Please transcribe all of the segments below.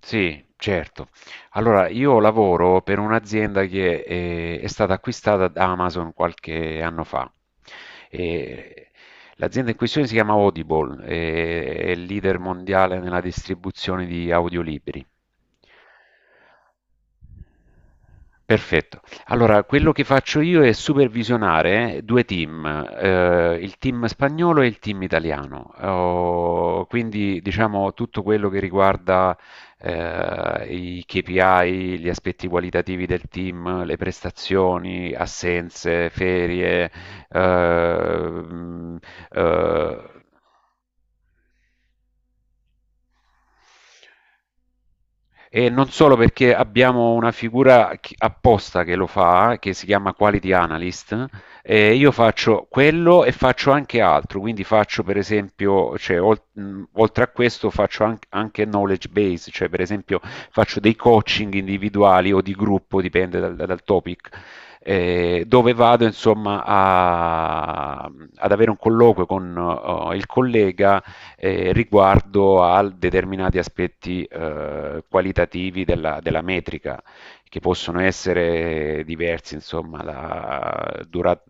Sì, certo. Allora, io lavoro per un'azienda che stata acquistata da Amazon qualche anno fa. E l'azienda in questione si chiama Audible, è il leader mondiale nella distribuzione di audiolibri. Perfetto. Allora, quello che faccio io è supervisionare due team, il team spagnolo e il team italiano. Oh, quindi, diciamo, tutto quello che riguarda i KPI, gli aspetti qualitativi del team, le prestazioni, assenze, ferie, eh, mm, eh, e non solo perché abbiamo una figura apposta che lo fa, che si chiama Quality Analyst, e io faccio quello e faccio anche altro. Quindi faccio per esempio, cioè, oltre a questo faccio anche knowledge base. Cioè, per esempio faccio dei coaching individuali o di gruppo, dipende dal topic, dove vado insomma ad avere un colloquio con il collega riguardo a determinati aspetti qualitativi della metrica, che possono essere diversi, insomma,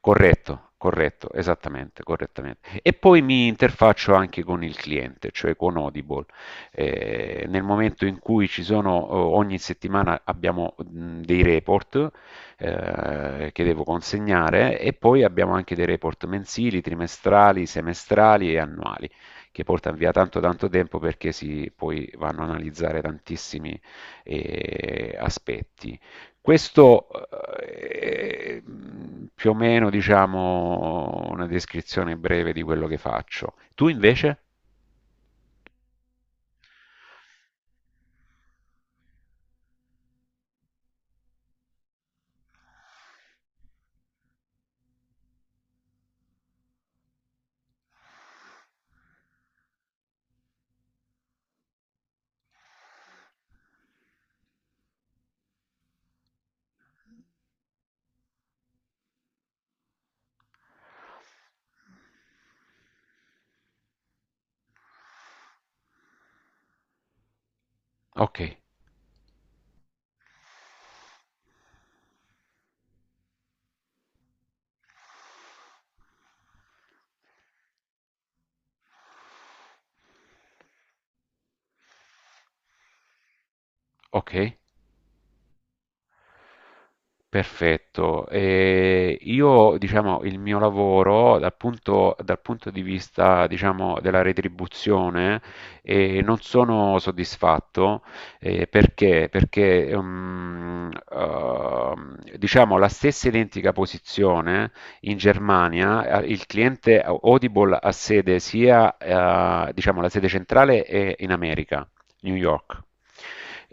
corretto, corretto, esattamente, correttamente. E poi mi interfaccio anche con il cliente, cioè con Audible. Nel momento in cui ci sono, ogni settimana abbiamo dei report che devo consegnare, e poi abbiamo anche dei report mensili, trimestrali, semestrali e annuali, che portano via tanto tanto tempo perché si poi vanno a analizzare tantissimi aspetti. Questo è più o meno, diciamo, una descrizione breve di quello che faccio. Tu invece? Ok, ok. Perfetto. E io, diciamo, il mio lavoro dal punto di vista, diciamo, della retribuzione, non sono soddisfatto. Perché? Perché, diciamo, la stessa identica posizione in Germania, il cliente Audible ha sede sia, diciamo, la sede centrale è in America, New York.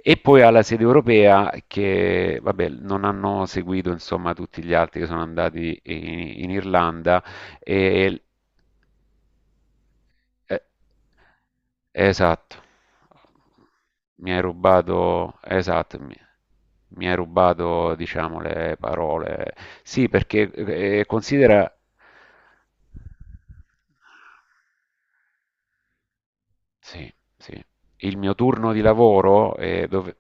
E poi alla sede europea che, vabbè, non hanno seguito insomma tutti gli altri, che sono andati in Irlanda. E, eh, esatto, mi hai rubato, esatto, mi hai rubato diciamo le parole. Sì, perché considera. Sì, sì. Il mio turno di lavoro è, dove-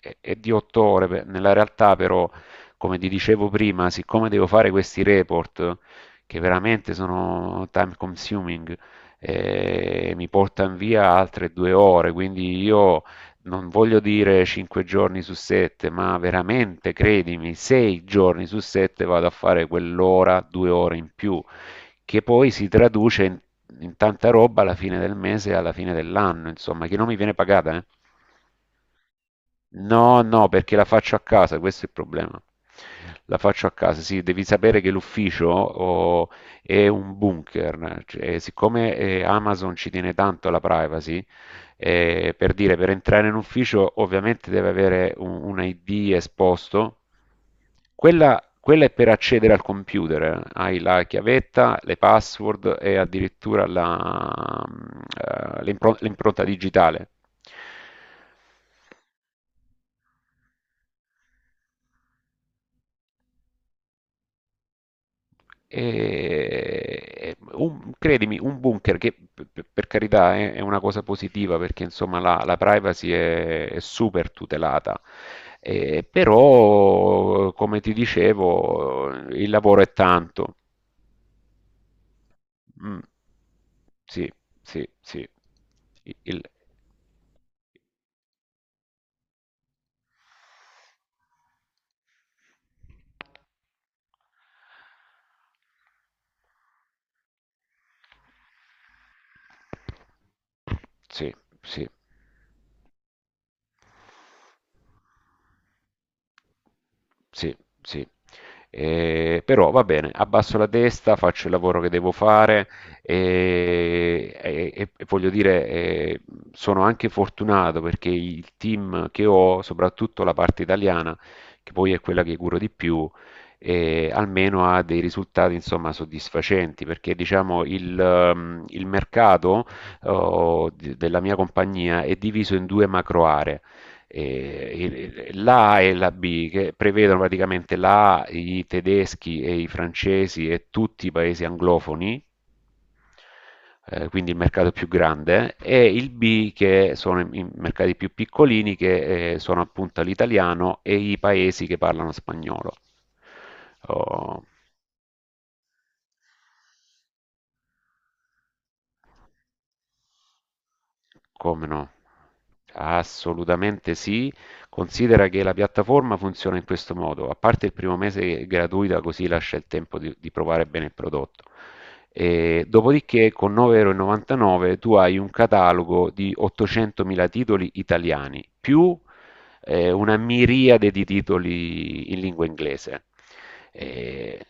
è- è di 8 ore, beh, nella realtà però, come ti dicevo prima, siccome devo fare questi report che veramente sono time consuming, mi portano via altre 2 ore. Quindi io non voglio dire 5 giorni su 7, ma veramente, credimi, 6 giorni su 7 vado a fare quell'ora, 2 ore in più, che poi si traduce in tanta roba alla fine del mese e alla fine dell'anno, insomma, che non mi viene pagata, eh. No, no, perché la faccio a casa, questo è il problema. La faccio a casa, sì. Devi sapere che l'ufficio oh, è un bunker. Cioè, siccome Amazon ci tiene tanto alla privacy, per dire, per entrare in ufficio ovviamente deve avere un ID esposto. Quella, è per accedere al computer, eh. Hai la chiavetta, le password e addirittura l'impronta digitale. Credimi, un bunker, che per carità è una cosa positiva, perché insomma la privacy è super tutelata. Però come ti dicevo il lavoro è tanto. Mm. Sì, sì, sì. Il- sì, sì. Sì, sì. Però va bene, abbasso la testa, faccio il lavoro che devo fare, e voglio dire, sono anche fortunato, perché il team che ho, soprattutto la parte italiana, che poi è quella che curo di più, almeno ha dei risultati insomma soddisfacenti. Perché diciamo il mercato della mia compagnia è diviso in due macro aree, e la A e la B, che prevedono praticamente la A, i tedeschi e i francesi e tutti i paesi anglofoni, quindi il mercato più grande, e il B, che sono i mercati più piccolini, che sono appunto l'italiano e i paesi che parlano spagnolo. Oh, come no? Assolutamente sì. Considera che la piattaforma funziona in questo modo: a parte il primo mese gratuita, così lascia il tempo di provare bene il prodotto. E dopodiché con 9,99€ tu hai un catalogo di 800.000 titoli italiani, più una miriade di titoli in lingua inglese. E-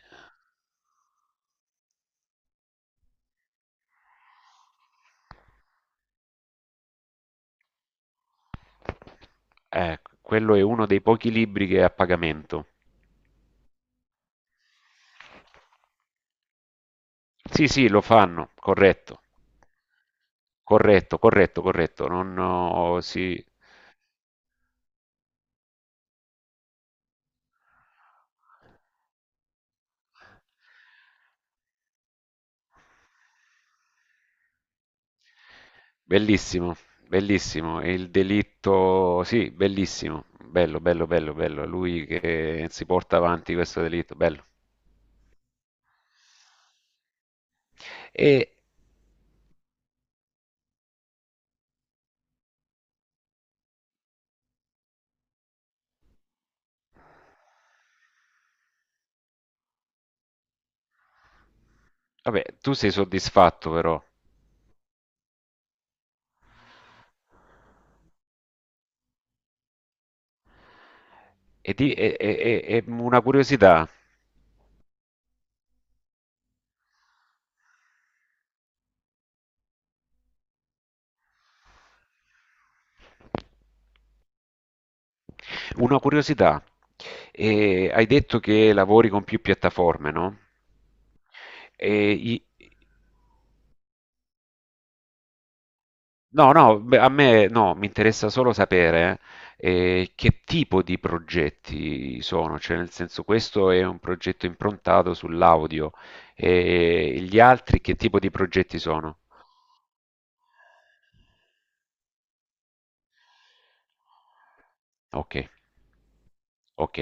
Quello è uno dei pochi libri che è a pagamento. Sì, sì, lo fanno, corretto, corretto, corretto, corretto. Non, oh, sì. Bellissimo, bellissimo, e il delitto, sì, bellissimo, bello, bello, bello, bello, è lui che si porta avanti questo delitto, bello. E vabbè, tu sei soddisfatto però. e, di- e- e- e- e una curiosità, una curiosità: E hai detto che lavori con più piattaforme, no? E, i- No, no, beh, a me no, mi interessa solo sapere che tipo di progetti sono. Cioè, nel senso, questo è un progetto improntato sull'audio, e gli altri che tipo di progetti sono? Ok, ok,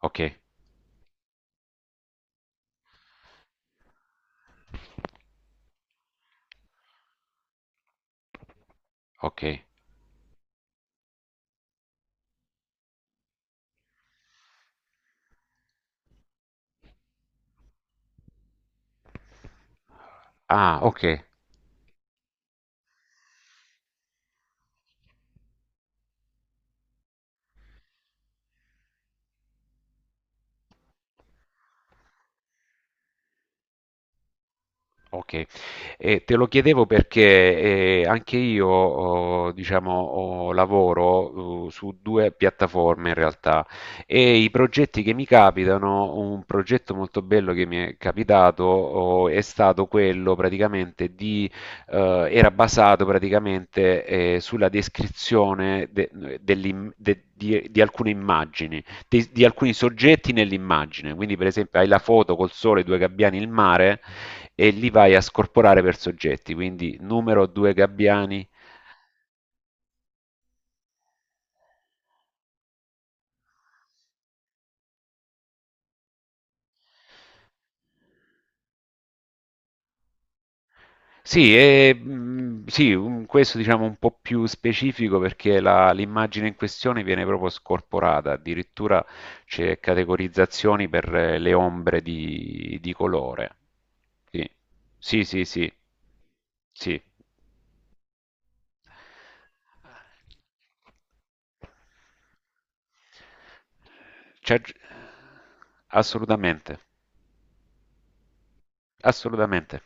ok, ok. Ah, ok. Okay. E te lo chiedevo perché, anche io ho diciamo, ho lavoro, su 2 piattaforme in realtà. E i progetti che mi capitano, un progetto molto bello che mi è capitato, o è stato quello praticamente di era basato praticamente, sulla descrizione de dell'im de di alcune immagini, di alcuni soggetti nell'immagine. Quindi per esempio hai la foto col sole, 2 gabbiani, il mare, e li vai a scorporare per soggetti, quindi numero due gabbiani. Sì, e, sì, questo diciamo un po' più specifico, perché l'immagine in questione viene proprio scorporata. Addirittura c'è categorizzazioni per le ombre di colore. Sì, sì, sì, sì, sì. C'è- Assolutamente, assolutamente.